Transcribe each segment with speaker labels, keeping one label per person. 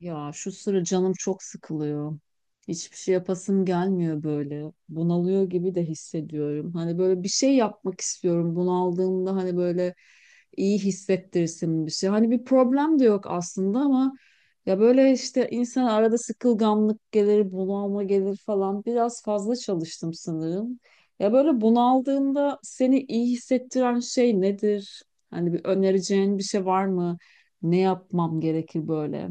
Speaker 1: Ya şu sıra canım çok sıkılıyor. Hiçbir şey yapasım gelmiyor böyle. Bunalıyor gibi de hissediyorum. Hani böyle bir şey yapmak istiyorum. Bunaldığımda hani böyle iyi hissettirsin bir şey. Hani bir problem de yok aslında ama ya böyle işte insan arada sıkılganlık gelir, bunalma gelir falan. Biraz fazla çalıştım sanırım. Ya böyle bunaldığında seni iyi hissettiren şey nedir? Hani bir önereceğin bir şey var mı? Ne yapmam gerekir böyle?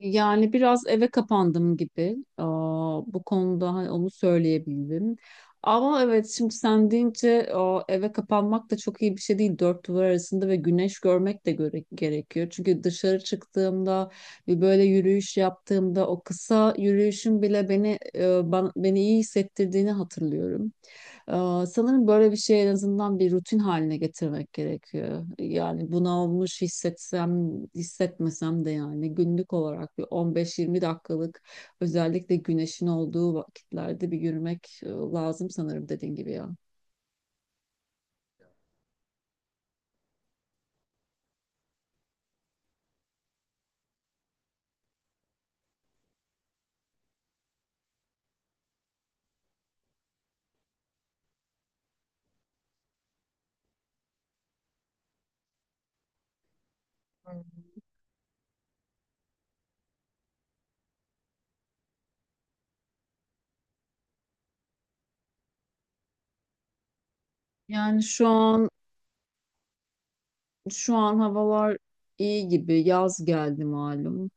Speaker 1: Yani biraz eve kapandım gibi. Bu konuda hani onu söyleyebilirim. Ama evet şimdi sen deyince o, eve kapanmak da çok iyi bir şey değil. Dört duvar arasında ve güneş görmek de göre gerekiyor. Çünkü dışarı çıktığımda bir böyle yürüyüş yaptığımda o kısa yürüyüşün bile beni beni iyi hissettirdiğini hatırlıyorum. Sanırım böyle bir şey en azından bir rutin haline getirmek gerekiyor. Yani buna olmuş hissetsem, hissetmesem de yani günlük olarak bir 15-20 dakikalık özellikle güneşin olduğu vakitlerde bir yürümek lazım sanırım dediğin gibi ya. Yani şu an Şu an havalar iyi gibi. Yaz geldi malum.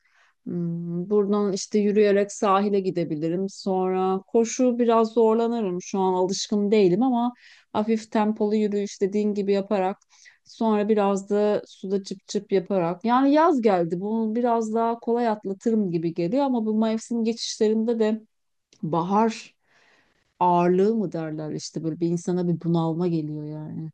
Speaker 1: Hmm, buradan işte yürüyerek sahile gidebilirim. Sonra koşu biraz zorlanırım. Şu an alışkın değilim ama hafif tempolu yürüyüş dediğin gibi yaparak sonra biraz da suda çıp çıp yaparak. Yani yaz geldi. Bunu biraz daha kolay atlatırım gibi geliyor ama bu mevsim geçişlerinde de bahar ağırlığı mı derler işte böyle bir insana bir bunalma geliyor yani.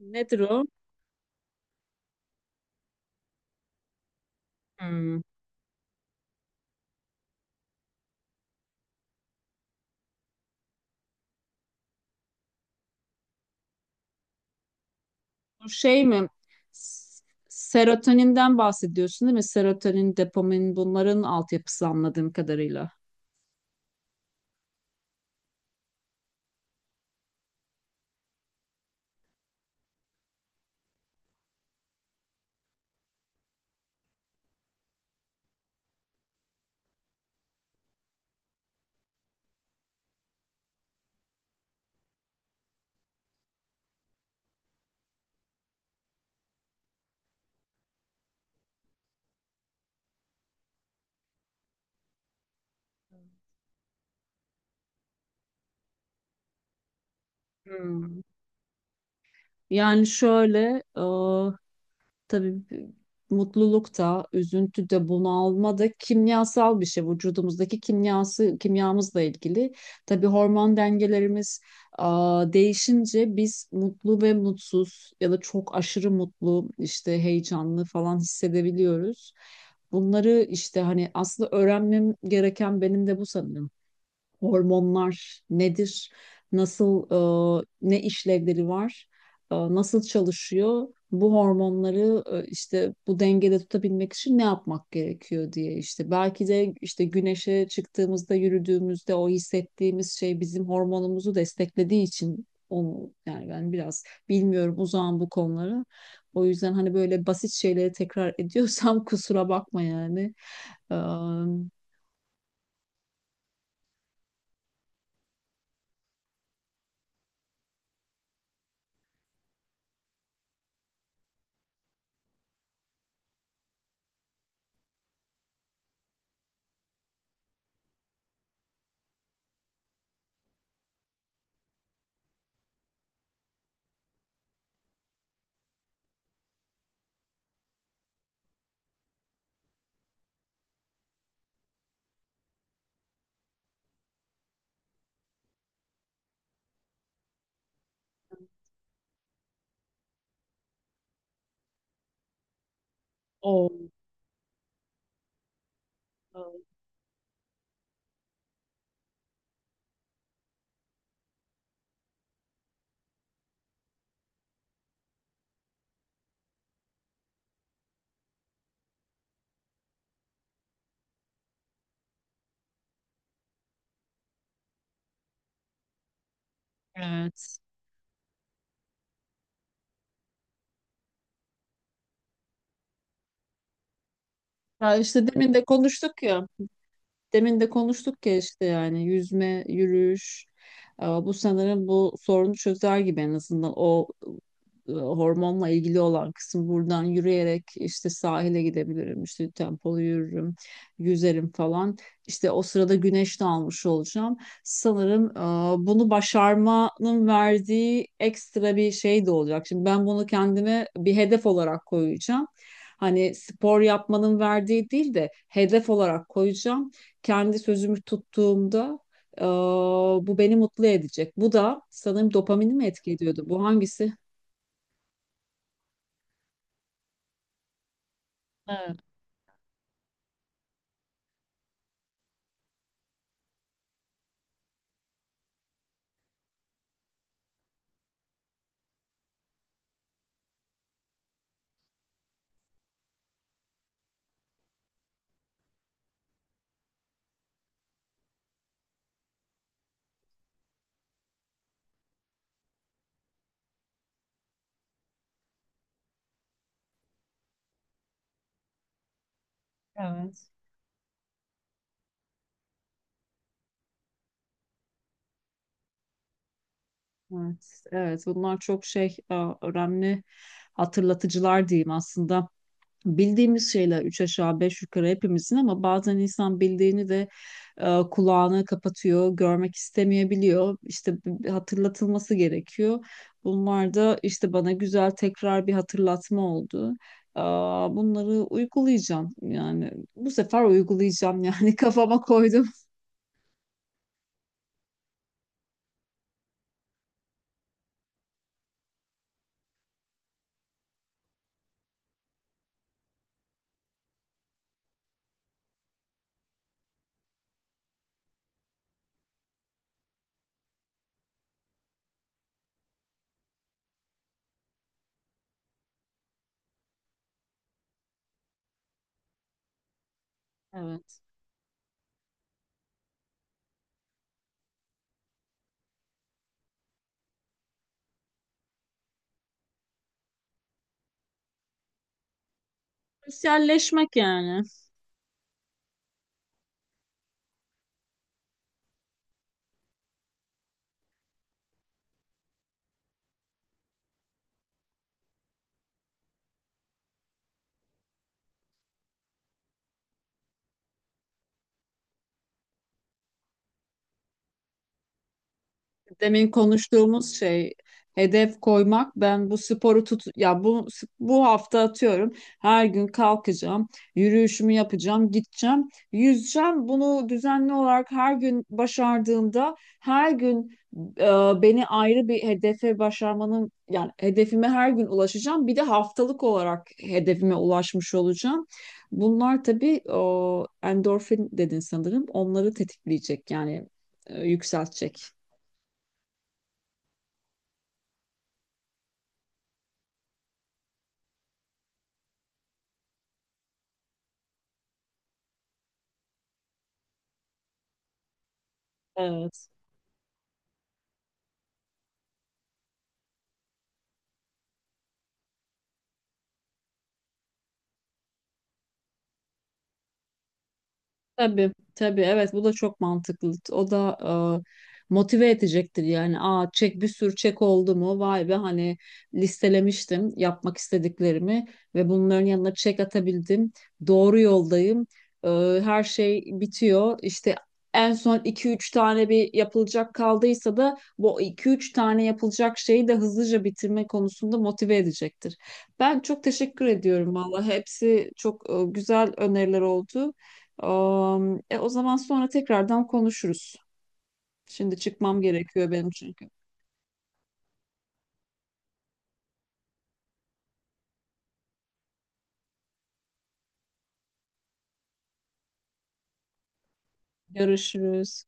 Speaker 1: Nedir o? Hmm. Bu şey mi? S- Serotoninden bahsediyorsun değil mi? Serotonin, dopamin bunların altyapısı anladığım kadarıyla. Hmm. Yani şöyle, tabii mutluluk da, üzüntü de, bunalma da kimyasal bir şey. Vücudumuzdaki kimyası, kimyamızla ilgili. Tabii hormon dengelerimiz değişince biz mutlu ve mutsuz ya da çok aşırı mutlu, işte heyecanlı falan hissedebiliyoruz. Bunları işte hani aslında öğrenmem gereken benim de bu sanırım hormonlar nedir, nasıl ne işlevleri var, nasıl çalışıyor, bu hormonları işte bu dengede tutabilmek için ne yapmak gerekiyor diye işte belki de işte güneşe çıktığımızda yürüdüğümüzde o hissettiğimiz şey bizim hormonumuzu desteklediği için onu yani ben biraz bilmiyorum uzağım bu konulara. O yüzden hani böyle basit şeyleri tekrar ediyorsam kusura bakma yani. Ee, o evet. Ya işte demin de konuştuk ya işte yani yüzme, yürüyüş. Bu sanırım bu sorunu çözer gibi en azından o hormonla ilgili olan kısım buradan yürüyerek işte sahile gidebilirim, işte tempolu yürürüm, yüzerim falan. İşte o sırada güneş de almış olacağım. Sanırım bunu başarmanın verdiği ekstra bir şey de olacak. Şimdi ben bunu kendime bir hedef olarak koyacağım. Hani spor yapmanın verdiği değil de hedef olarak koyacağım kendi sözümü tuttuğumda e, bu beni mutlu edecek. Bu da sanırım dopamini mi etki ediyordu? Bu hangisi? Evet. Evet, evet, evet. Bunlar çok önemli hatırlatıcılar diyeyim aslında. Bildiğimiz şeyler üç aşağı beş yukarı hepimizin ama bazen insan bildiğini de kulağını kapatıyor, görmek istemeyebiliyor. İşte hatırlatılması gerekiyor. Bunlar da işte bana güzel tekrar bir hatırlatma oldu. Bunları uygulayacağım yani bu sefer uygulayacağım yani kafama koydum. Evet. Sosyalleşmek yani. Demin konuştuğumuz şey hedef koymak. Ben bu sporu tut ya bu hafta atıyorum. Her gün kalkacağım, yürüyüşümü yapacağım, gideceğim, yüzeceğim. Bunu düzenli olarak her gün başardığımda her gün e, beni ayrı bir hedefe başarmanın yani hedefime her gün ulaşacağım. Bir de haftalık olarak hedefime ulaşmış olacağım. Bunlar tabii o endorfin dedin sanırım. Onları tetikleyecek yani yükseltecek. Evet. Tabii, tabii, evet, bu da çok mantıklı. O da motive edecektir yani. Aa, çek, bir sürü çek oldu mu? Vay be, hani listelemiştim yapmak istediklerimi ve bunların yanına çek atabildim. Doğru yoldayım. E, her şey bitiyor. İşte en son iki üç tane bir yapılacak kaldıysa da bu iki üç tane yapılacak şeyi de hızlıca bitirme konusunda motive edecektir. Ben çok teşekkür ediyorum valla. Hepsi çok e, güzel öneriler oldu. O zaman sonra tekrardan konuşuruz. Şimdi çıkmam gerekiyor benim çünkü. Görüşürüz.